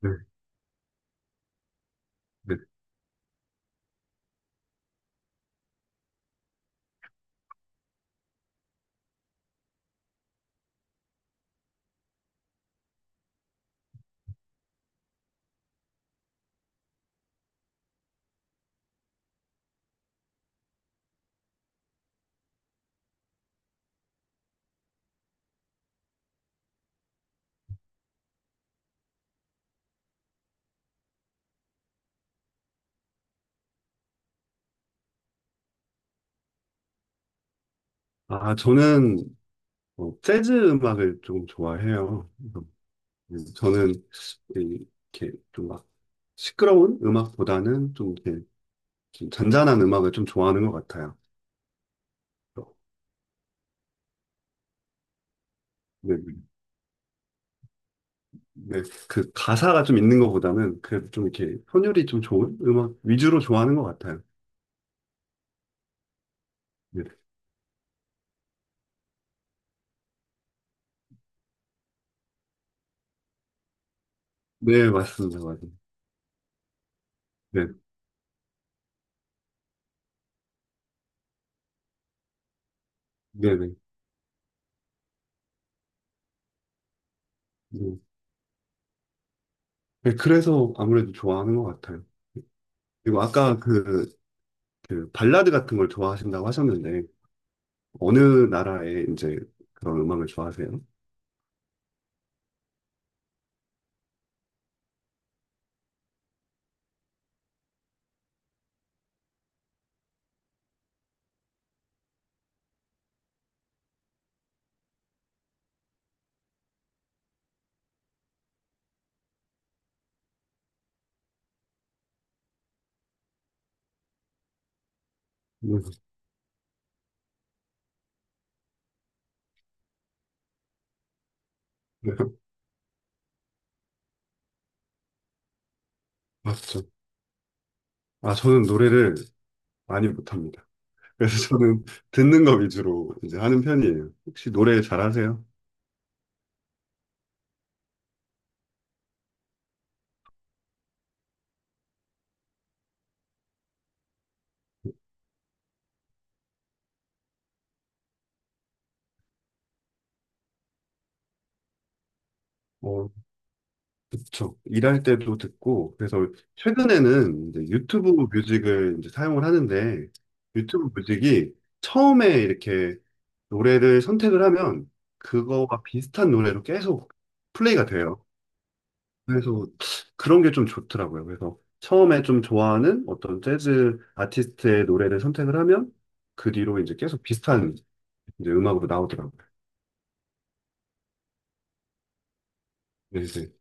네, 네. 아, 저는 재즈 음악을 좀 좋아해요. 그래서 저는 이- 이렇게 좀 막 시끄러운 음악보다는 좀 이렇게 좀 잔잔한 음악을 좀 좋아하는 것 같아요. 네, 네. 네, 그 가사가 좀 있는 것보다는 그래도 좀 이렇게 선율이 좀 좋은 음악 위주로 좋아하는 것 같아요. 네, 네, 맞습니다. 맞아요. 네, 네, 네. 네. 네, 그래서 아무래도 좋아하는 것 같아요. 그리고 아까 그 발라드 같은 걸 좋아하신다고 하셨는데 어느 나라의 이제 그런 음악을 좋아하세요? 음, 네, 맞죠. 아, 저는 노래를 많이 못합니다. 그래서 저는 듣는 거 위주로 이제 하는 편이에요. 혹시 노래 잘하세요? 어, 그쵸. 일할 때도 듣고, 그래서 최근에는 이제 유튜브 뮤직을 이제 사용을 하는데, 유튜브 뮤직이 처음에 이렇게 노래를 선택을 하면 그거와 비슷한 노래로 계속 플레이가 돼요. 그래서 그런 게 좀 좋더라고요. 그래서 처음에 좀 좋아하는 어떤 재즈 아티스트의 노래를 선택을 하면 그 뒤로 이제 계속 비슷한 이제 음악으로 나오더라고요. 네, 네.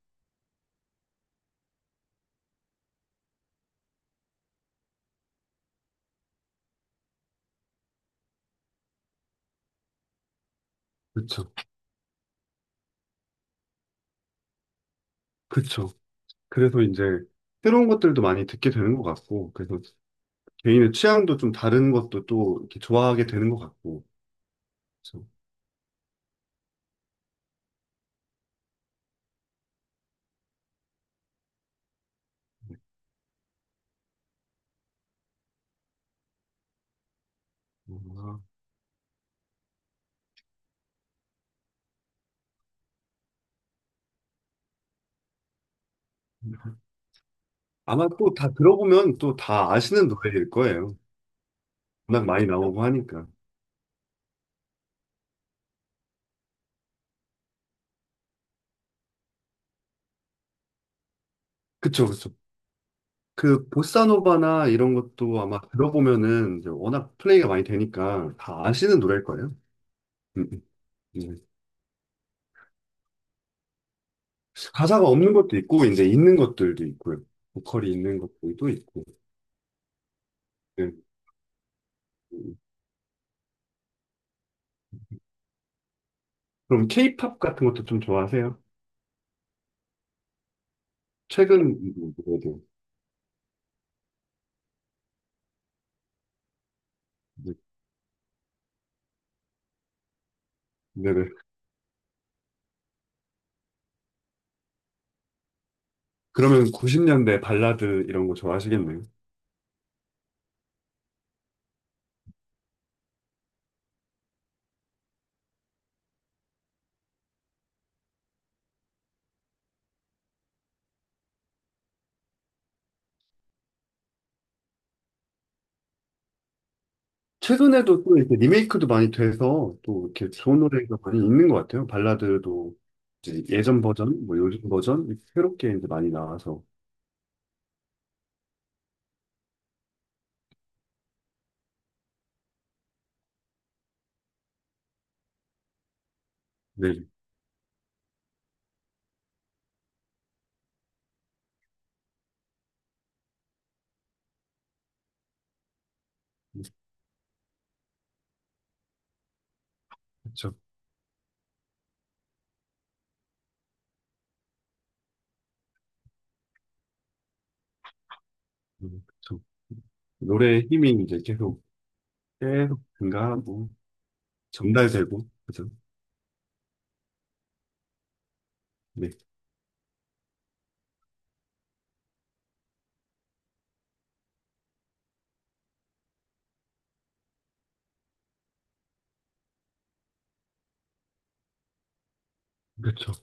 그쵸. 그쵸. 그래서 이제 새로운 것들도 많이 듣게 되는 것 같고, 그래서 개인의 취향도 좀 다른 것도 또 이렇게 좋아하게 되는 것 같고. 그래서 뭔가 아마 또 다 들어보면 또 다 아시는 노래일 거예요. 워낙 많이 나오고 하니까. 그쵸, 그쵸. 그 보사노바나 이런 것도 아마 들어보면은 이제 워낙 플레이가 많이 되니까 다 아시는 노래일 거예요. 음, 음, 음. 가사가 없는 것도 있고 이제 있는 것들도 있고요. 보컬이 있는 것들도 있고. 네. 음. 그럼 케이팝 같은 것도 좀 좋아하세요? 최근 그래도 네네. 그러면 90년대 발라드 이런 거 좋아하시겠네요. 최근에도 또 이렇게 리메이크도 많이 돼서 또 이렇게 좋은 노래가 많이 있는 것 같아요. 발라드도 이제 예전 버전, 뭐 요즘 버전 이렇게 새롭게 이제 많이 나와서 네, 그렇죠. 그렇죠. 노래의 힘이 이제 계속 계속 증가하고 전달되고 그죠? 네, 그렇죠.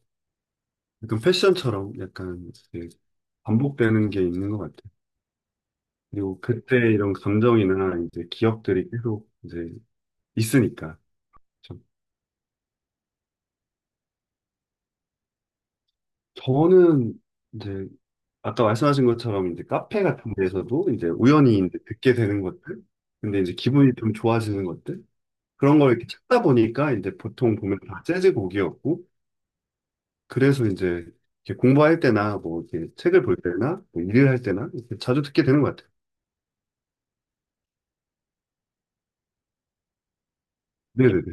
약간 패션처럼 약간 이제 반복되는 게 있는 것 같아요. 그리고 그때 이런 감정이나 이제 기억들이 계속 이제 있으니까. 그렇죠. 저는 이제 아까 말씀하신 것처럼 이제 카페 같은 데서도 이제 우연히 이제 듣게 되는 것들, 근데 이제 기분이 좀 좋아지는 것들 그런 걸 이렇게 찾다 보니까 이제 보통 보면 다 재즈 곡이었고. 그래서 이제 이렇게 공부할 때나 뭐 이렇게 책을 볼 때나 뭐 일을 할 때나 이렇게 자주 듣게 되는 것 같아요. 네네네.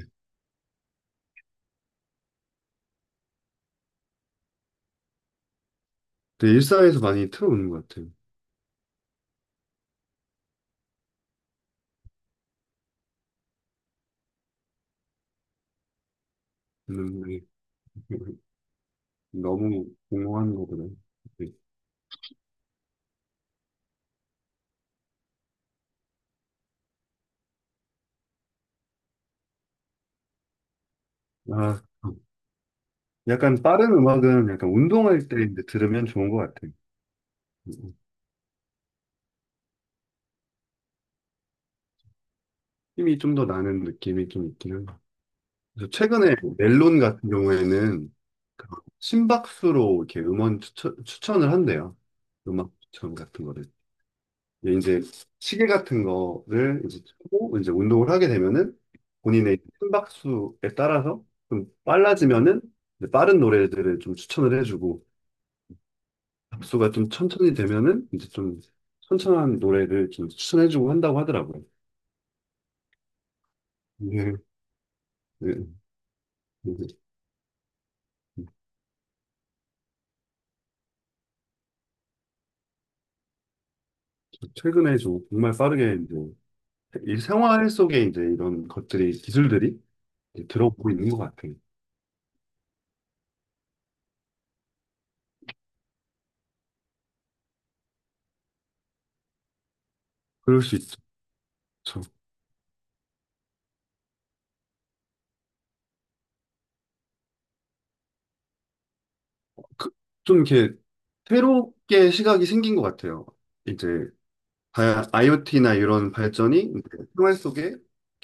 근데 일상에서 많이 틀어오는 것 같아요. 네. 너무 공허한 거구나. 네. 아, 약간 빠른 음악은 약간 운동할 때 이제 들으면 좋은 것 같아요. 음, 힘이 좀 더 나는 느낌이 좀 있긴 는 그래서 최근에 멜론 같은 경우에는 그 심박수로 이렇게 음원 추천을 한대요. 음악 추천 같은 거를. 근데 이제 시계 같은 거를 이제 차고 이제 운동을 하게 되면은 본인의 심박수에 따라서 좀 빨라지면은 이제 빠른 노래들을 좀 추천을 해주고 박수가 좀 천천히 되면은 이제 좀 천천한 노래를 좀 추천해주고 한다고 하더라고요. 네. 네. 이제 최근에 좀 정말 빠르게 이제 이 생활 속에 이제 이런 것들이 기술들이 이제 들어오고 있는 것 같아요. 그럴 수 있죠. 그- 좀 이렇게 새롭게 시각이 생긴 것 같아요. 이제 IoT나 이런 발전이 이제 생활 속에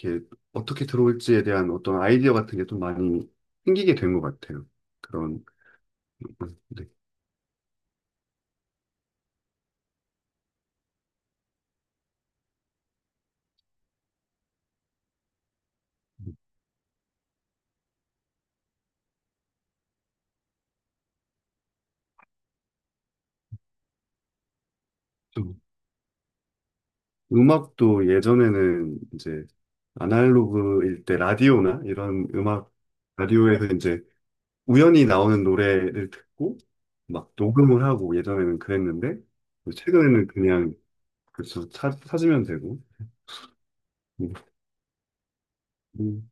이렇게 어떻게 들어올지에 대한 어떤 아이디어 같은 게 좀 많이 생기게 된 것 같아요. 그런 네. 좀 음악도 예전에는 이제 아날로그일 때 라디오나 이런 음악 라디오에서 이제 우연히 나오는 노래를 듣고 막 녹음을 하고 예전에는 그랬는데 최근에는 그냥 그렇죠. 찾으면 되고. 음. 음.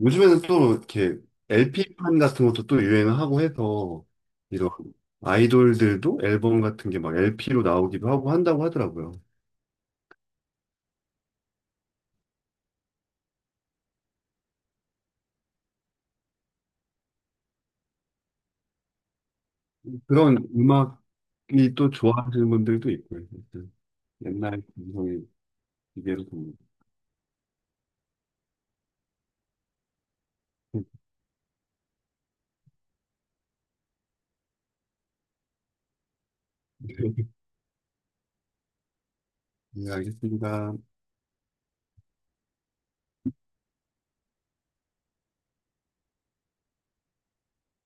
요즘에는 또 이렇게 LP판 같은 것도 또 유행을 하고 해서 이런 아이돌들도 앨범 같은 게 막 LP로 나오기도 하고 한다고 하더라고요. 그런 음악이 또 좋아하시는 분들도 있고요. 아무튼 옛날 감성의 기계로 좀. 네, 알겠습니다.